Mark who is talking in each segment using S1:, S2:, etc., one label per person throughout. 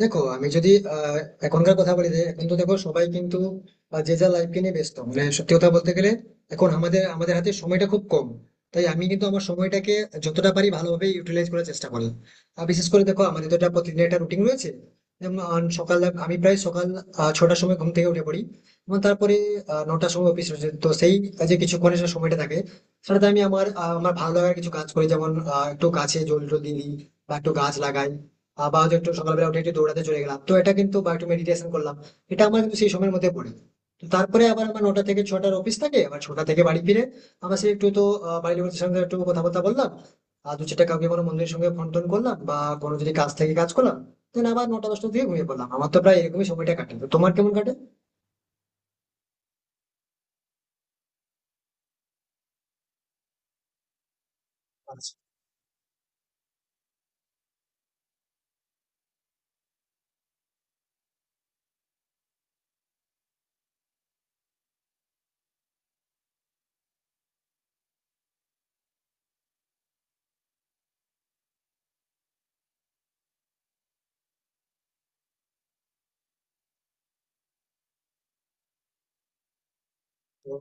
S1: দেখো আমি যদি আহ, এখনকার কথা বলি যে এখন তো দেখো সবাই কিন্তু যে যার লাইফকে নিয়ে ব্যস্ত। মানে সত্যি কথা বলতে গেলে এখন আমাদের আমাদের হাতে সময়টা খুব কম। তাই আমি কিন্তু আমার সময়টাকে যতটা পারি ভালোভাবে ইউটিলাইজ করার চেষ্টা করি। আর বিশেষ করে দেখো আমাদের তো একটা প্রতিদিন একটা রুটিন রয়েছে। যেমন সকাল আমি প্রায় সকাল 6টার সময় ঘুম থেকে উঠে পড়ি। এবং তারপরে 9টার সময় অফিস রয়েছে, তো সেই যে কিছুক্ষণের যে সময়টা থাকে সেটাতে আমি আমার ভালো লাগার কিছু কাজ করি। যেমন একটু গাছে জল টল দিই বা একটু গাছ লাগাই। বা হয়তো একটু সকালবেলা উঠে একটু দৌড়াতে চলে গেলাম, তো এটা কিন্তু বা একটু মেডিটেশন করলাম। এটা আমার কিন্তু সেই সময়ের মধ্যে পড়ে। তো তারপরে আবার আমার 9টা থেকে 6টার অফিস থাকে, আবার 6টা থেকে বাড়ি ফিরে আমার সেই একটু তো বাড়ির লোকের সঙ্গে একটু কথাবার্তা বললাম। আর দু চারটা কাউকে কোনো বন্ধুদের সঙ্গে ফোন টোন করলাম বা কোনো যদি কাজ থেকে কাজ করলাম। দেন আবার 9-10টার দিকে ঘুমিয়ে পড়লাম। আমার তো প্রায় এরকমই সময়টা কাটে, তো তোমার কেমন কাটে? আচ্ছা, তো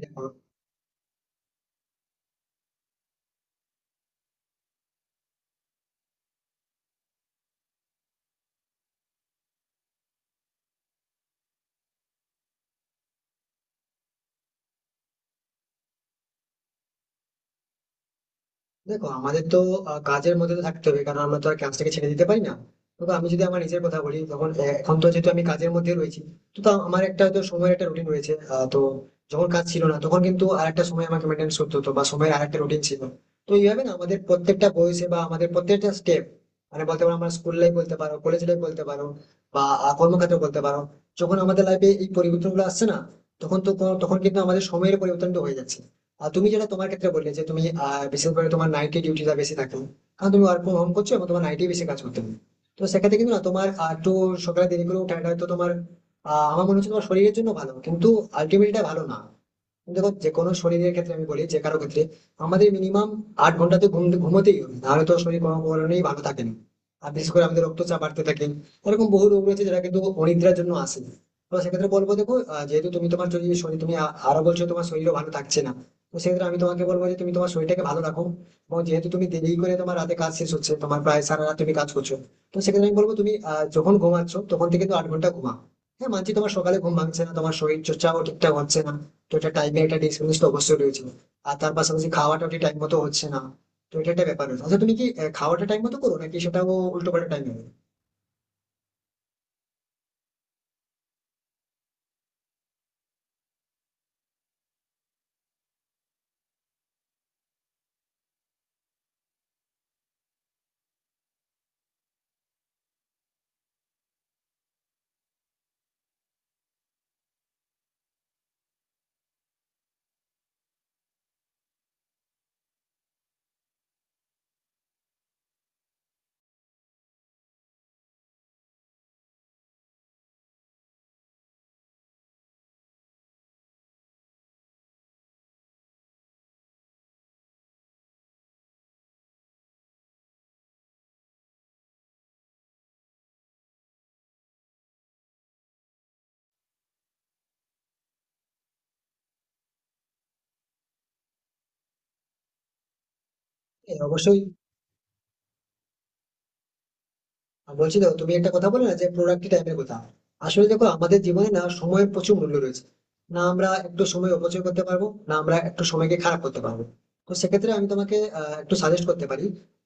S1: দেখো দেখো আমাদের তো কাজের মধ্যে তো থাকতে হবে, কারণ আমরা তো আর কাজটাকে ছেড়ে দিতে পারি না। তবে আমি যদি আমার নিজের কথা বলি তখন এখন তো যেহেতু আমি কাজের মধ্যে রয়েছি, তো তা আমার একটা হয়তো সময়ের একটা রুটিন রয়েছে। তো যখন কাজ ছিল না তখন কিন্তু আর একটা সময় আমাকে মেনটেন করতে হতো, বা সময়ের আর একটা রুটিন ছিল। তো এইভাবে না আমাদের প্রত্যেকটা বয়সে বা আমাদের প্রত্যেকটা স্টেপ, মানে বলতে পারো আমরা স্কুল লাইফ বলতে পারো কলেজ লাইফ বলতে পারো বা কর্মক্ষেত্র বলতে পারো, যখন আমাদের লাইফে এই পরিবর্তনগুলো আসছে না তখন তো তখন কিন্তু আমাদের সময়ের পরিবর্তনটা হয়ে যাচ্ছে। আর তুমি যেটা তোমার ক্ষেত্রে বললে যে তুমি বিশেষ করে তোমার নাইটে ডিউটিটা বেশি থাকে, কারণ তুমি ওয়ার্ক ফ্রম হোম করছো এবং তোমার নাইটে বেশি কাজ করতে হবে। তো সেক্ষেত্রে কিন্তু না তোমার একটু সকালে দেরি করে ওঠাটা হয়তো তোমার আমার মনে হচ্ছে তোমার শরীরের জন্য ভালো কিন্তু আলটিমেটলি ভালো না। দেখো যে কোনো শরীরের ক্ষেত্রে আমি বলি যে কারো ক্ষেত্রে আমাদের মিনিমাম 8 ঘন্টা তো ঘুম ঘুমোতেই হবে, নাহলে তো শরীর কোনো কারণেই ভালো থাকে না। আর বিশেষ করে আমাদের রক্তচাপ বাড়তে থাকে, এরকম বহু রোগ রয়েছে যেটা কিন্তু অনিদ্রার জন্য আসে। তো সেক্ষেত্রে বলবো দেখো যেহেতু তুমি তোমার যদি শরীর তুমি আরো বলছো তোমার শরীরও ভালো থাকছে না, তো সেক্ষেত্রে আমি তোমাকে বলবো যে তুমি তোমার শরীরটাকে ভালো রাখো। এবং যেহেতু তুমি দেরি করে তোমার রাতে কাজ শেষ হচ্ছে, তোমার প্রায় সারা রাত তুমি কাজ করছো, তো সেক্ষেত্রে আমি বলবো তুমি যখন ঘুমাচ্ছ তখন থেকে তো 8 ঘন্টা ঘুমা। হ্যাঁ মানছি তোমার সকালে ঘুম ভাঙছে না তোমার শরীর চর্চাও ঠিকঠাক হচ্ছে না, তো এটা টাইমের একটা ডিসকানেক্ট অবশ্যই রয়েছে। আর তার পাশাপাশি খাওয়াটা টাইম মতো হচ্ছে না, তো এটা একটা ব্যাপার রয়েছে। আচ্ছা তুমি কি খাওয়াটা টাইম মতো করো নাকি সেটাও উল্টো পাল্টা টাইম হবে? হ্যাঁ, অবশ্যই। আর বলছি তো, তুমি একটা কথা বলে না যে প্রোডাক্টিভ টাইমের কথা, আসলে দেখো আমাদের জীবনে না সময়ের প্রচুর মূল্য রয়েছে। না আমরা একটু সময় অপচয় করতে পারবো না আমরা একটু সময়কে খারাপ করতে পারবো। তো সেক্ষেত্রে আমি তোমাকে একটু সাজেস্ট করতে পারি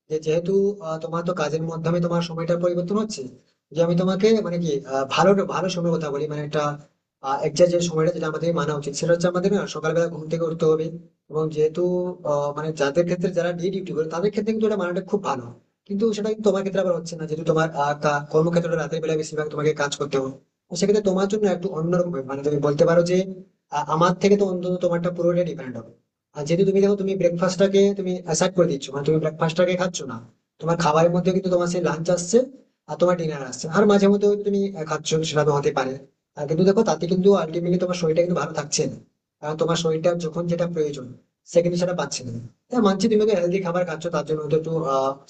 S1: যে যেহেতু তোমার তো কাজের মাধ্যমে তোমার সময়টা পরিবর্তন হচ্ছে, যে আমি তোমাকে মানে কি ভালো ভালো সময়ের কথা বলি মানে একটা একজাক্ট যে সময়টা যেটা আমাদের মানা উচিত সেটা হচ্ছে আমাদের না সকালবেলা ঘুম থেকে উঠতে হবে। এবং যেহেতু মানে যাদের ক্ষেত্রে যারা ডে ডিউটি করে তাদের ক্ষেত্রে কিন্তু এটা মানাটা খুব ভালো। কিন্তু সেটা কিন্তু তোমার ক্ষেত্রে আবার হচ্ছে না, যেহেতু তোমার কর্মক্ষেত্রটা রাতের বেলা বেশিরভাগ তোমাকে কাজ করতে হবে। তো সেক্ষেত্রে তোমার জন্য একটু অন্যরকম হবে। মানে তুমি বলতে পারো যে আমার থেকে তো অন্তত তোমারটা পুরোটা ডিপেন্ড হবে। আর যেহেতু তুমি দেখো তুমি ব্রেকফাস্টটাকে তুমি অ্যাসাইড করে দিচ্ছ মানে তুমি ব্রেকফাস্টটাকে খাচ্ছ না। তোমার খাবারের মধ্যে কিন্তু তোমার সেই লাঞ্চ আসছে আর তোমার ডিনার আসছে, আর মাঝে মধ্যে হয়তো তুমি খাচ্ছ সেটা তো হতে পারে। আর কিন্তু দেখো তাতে কিন্তু আলটিমেটলি তোমার শরীরটা কিন্তু ভালো থাকছে না, কারণ তোমার শরীরটা যখন যেটা প্রয়োজন সে কিন্তু সেটা পাচ্ছে না। হ্যাঁ মানছি তুমি একটা হেলদি খাবার খাচ্ছ তার জন্য হয়তো একটু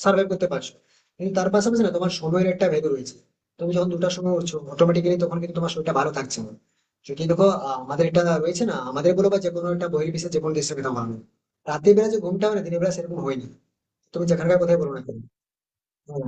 S1: সার্ভাইভ করতে পারছো, কিন্তু তার পাশাপাশি না তোমার সময়ের একটা ভেদ রয়েছে। তুমি যখন 2টার সময় উঠছো অটোমেটিক্যালি তখন কিন্তু তোমার শরীরটা ভালো থাকছে না। যদি দেখো আমাদের এটা রয়েছে না আমাদের বলো বা যে কোনো একটা বহির বিশ্বে যে কোনো দেশের কথা বলো, রাতের বেলা যে ঘুমটা হয় না দিনের বেলা সেরকম হয় না। তুমি যেখানকার কথাই বলো না কেন। হ্যাঁ।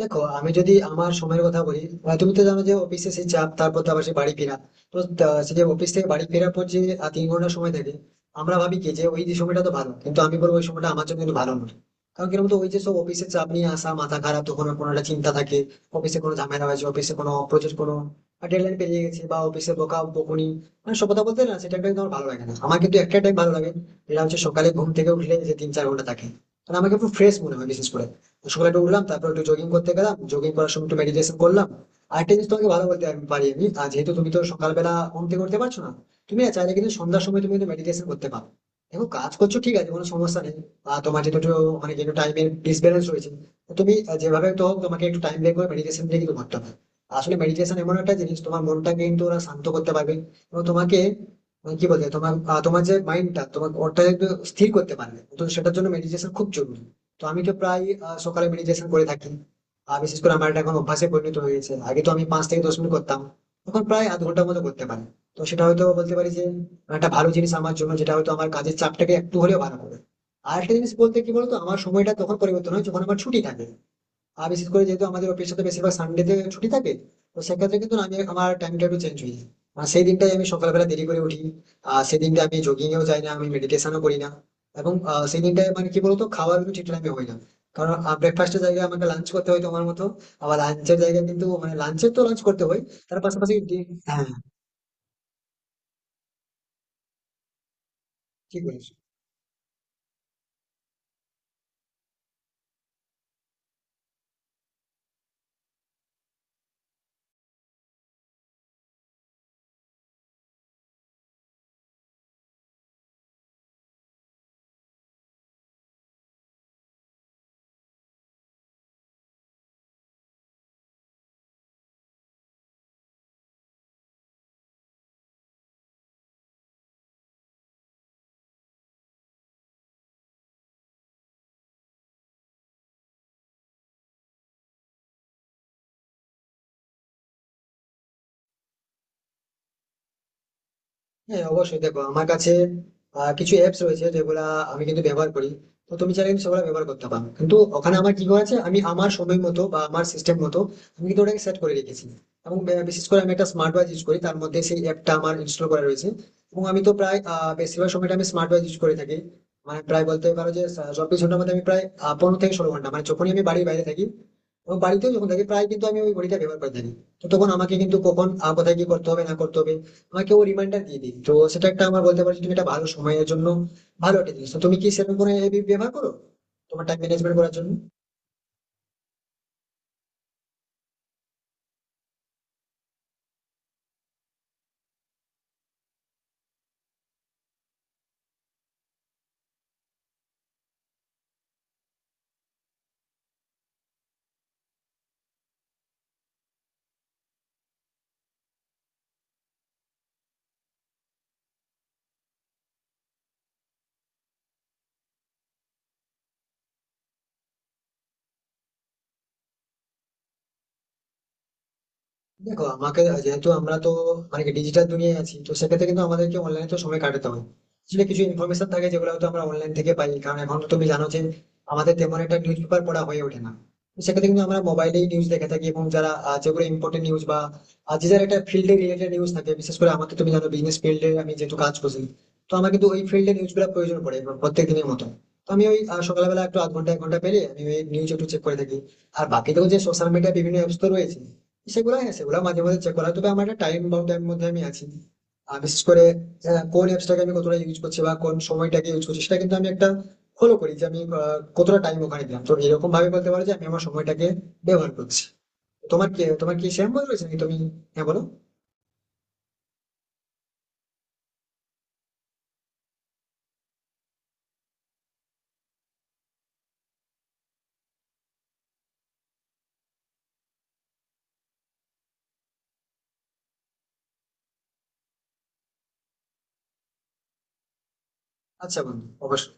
S1: দেখো আমি যদি আমার সময়ের কথা বলি তুমি তো জানো যে অফিসে সেই চাপ তারপর তো আবার সেই বাড়ি ফেরা। তো সেই যে অফিস থেকে বাড়ি ফেরার পর যে 3 ঘন্টা সময় থাকে, আমরা ভাবি কি যে ওই যে সময়টা তো ভালো, কিন্তু আমি বলবো ওই সময়টা আমার জন্য কিন্তু ভালো নয়। কারণ কি বলতো ওই যে সব অফিসের চাপ নিয়ে আসা মাথা খারাপ, তখন কোনো একটা চিন্তা থাকে অফিসে কোনো ঝামেলা হয়েছে, অফিসে কোনো প্রজেক্ট কোনো ডেডলাইন পেরিয়ে গেছে বা অফিসে বকা বকুনি, মানে সব কথা বলতে না সেটা কিন্তু আমার ভালো লাগে না। আমার কিন্তু একটা টাইম ভালো লাগে যেটা হচ্ছে সকালে ঘুম থেকে উঠলে যে 3-4 ঘন্টা থাকে, কারণ আমাকে একটু ফ্রেশ মনে হয় বিশেষ করে সকালে একটু উঠলাম তারপর একটু জগিং করতে গেলাম, জগিং করার সময় একটু মেডিটেশন করলাম। আর একটা জিনিস তোমাকে ভালো বলতে আমি পারি আমি, আর যেহেতু তুমি তো সকালবেলা ঘুম থেকে উঠতে পারছো না, তুমি না চাইলে কিন্তু সন্ধ্যার সময় তুমি কিন্তু মেডিটেশন করতে পারো। দেখো কাজ করছো ঠিক আছে কোনো সমস্যা নেই, আর তোমার যেহেতু একটু মানে যেহেতু টাইমের ডিসব্যালেন্স রয়েছে, তো তুমি যেভাবে তো হোক তোমাকে একটু টাইম বের করে মেডিটেশন দিয়ে কিন্তু করতে হবে। আসলে মেডিটেশন এমন একটা জিনিস তোমার মনটাকে কিন্তু ওরা শান্ত করতে পারবে এবং তোমাকে মানে কি বলতে হয়, তোমার তোমার যে মাইন্ডটা তোমার ওটা একটু স্থির করতে পারবে, তো সেটার জন্য মেডিটেশন খুব জরুরি। তো আমি তো প্রায় সকালে মেডিটেশন করে থাকি। আর বিশেষ করে আমার এটা এখন অভ্যাসে পরিণত হয়ে গেছে, আগে তো আমি 5 থেকে 10 মিনিট করতাম, এখন প্রায় আধ ঘন্টার মতো করতে পারি। তো সেটা হয়তো বলতে পারি যে একটা ভালো জিনিস আমার জন্য, যেটা হয়তো আমার কাজের চাপটাকে একটু হলেও ভালো করে। আর একটা জিনিস বলতে কি বলতো আমার সময়টা তখন পরিবর্তন হয় যখন আমার ছুটি থাকে, আর বিশেষ করে যেহেতু আমাদের অফিস সাথে বেশিরভাগ সানডেতে ছুটি থাকে, তো সেক্ষেত্রে কিন্তু আমি আমার টাইমটা একটু চেঞ্জ হয়ে যায়। আর সেই দিনটাই আমি সকালবেলা দেরি করে উঠি, আর সেই দিনটা আমি জগিংয়েও যাই না আমি মেডিটেশনও করি না। এবং সেই দিনটায় মানে কি বলতো খাওয়ার কিন্তু ঠিক টাইমে হয় না, কারণ ব্রেকফাস্টের জায়গায় আমাকে লাঞ্চ করতে হয় তোমার মতো, আবার লাঞ্চের জায়গায় কিন্তু মানে লাঞ্চের তো লাঞ্চ করতে হয়। তার পাশাপাশি হ্যাঁ ঠিক বলেছো। হ্যাঁ অবশ্যই দেখো আমার কাছে কিছু অ্যাপস রয়েছে যেগুলা আমি কিন্তু ব্যবহার করি, তো তুমি চাইলে কিন্তু সেগুলো ব্যবহার করতে পারো। কিন্তু ওখানে আমার কি করেছে আমি আমার সময় মতো বা আমার সিস্টেম মতো আমি কিন্তু ওটাকে সেট করে রেখেছি। এবং বিশেষ করে আমি একটা স্মার্ট ওয়াচ ইউজ করি, তার মধ্যে সেই অ্যাপটা আমার ইনস্টল করা রয়েছে। এবং আমি তো প্রায় বেশিরভাগ সময়টা আমি স্মার্ট ওয়াচ ইউজ করে থাকি। মানে প্রায় বলতে পারো যে 24 ঘন্টার মধ্যে আমি প্রায় 15 থেকে 16 ঘন্টা, মানে যখনই আমি বাড়ির বাইরে থাকি এবং বাড়িতেও যখন থাকি প্রায় কিন্তু আমি ওই ঘড়িটা ব্যবহার করে থাকি। তো তখন আমাকে কিন্তু কখন কোথায় কি করতে হবে না করতে হবে তোমাকে ও রিমাইন্ডার দিয়ে দিই, তো সেটা একটা আমার বলতে পারো যে তুমি একটা ভালো সময়ের জন্য ভালো একটা জিনিস। তো তুমি কি সেরকম কোনো app ব্যবহার করো তোমার টাইম ম্যানেজমেন্ট করার জন্য? দেখো আমাকে যেহেতু আমরা তো মানে ডিজিটাল দুনিয়ায় আছি, তো সেক্ষেত্রে কিন্তু আমাদেরকে অনলাইনে তো সময় কাটাতে হয়। আসলে কিছু ইনফরমেশন থাকে যেগুলো হয়তো আমরা অনলাইন থেকে পাই, কারণ এখন তো তুমি জানো যে আমাদের তেমন একটা নিউজ পেপার পড়া হয়ে ওঠে না। তো সেক্ষেত্রে কিন্তু আমরা মোবাইলেই নিউজ দেখে থাকি। এবং যারা যেগুলো ইম্পর্টেন্ট নিউজ বা যে যার একটা ফিল্ডে রিলেটেড নিউজ থাকে, বিশেষ করে আমাদের তুমি জানো বিজনেস ফিল্ডে আমি যেহেতু কাজ করছি, তো আমার কিন্তু ওই ফিল্ডে নিউজ গুলো প্রয়োজন পড়ে প্রত্যেক দিনের মতো। তো আমি ওই সকালবেলা একটু আধ ঘন্টা এক ঘন্টা পেরিয়ে আমি ওই নিউজ একটু চেক করে থাকি। আর বাকি তো যে সোশ্যাল মিডিয়া বিভিন্ন অ্যাপস তো রয়েছে, সেগুলো হ্যাঁ সেগুলো মাঝে মাঝে চেক করা হয়। তবে আমার একটা টাইম বাউন্ডের মধ্যে আমি আছি। আর বিশেষ করে কোন অ্যাপসটাকে আমি কতটা ইউজ করছি বা কোন সময়টাকে ইউজ করছি সেটা কিন্তু আমি একটা ফলো করি যে আমি কতটা টাইম ওখানে দিলাম, তো এরকম ভাবে বলতে পারো যে আমি আমার সময়টাকে ব্যবহার করছি। তোমার কি সেম বই রয়েছে নাকি তুমি? হ্যাঁ বলো। আচ্ছা বন্ধু অবশ্যই।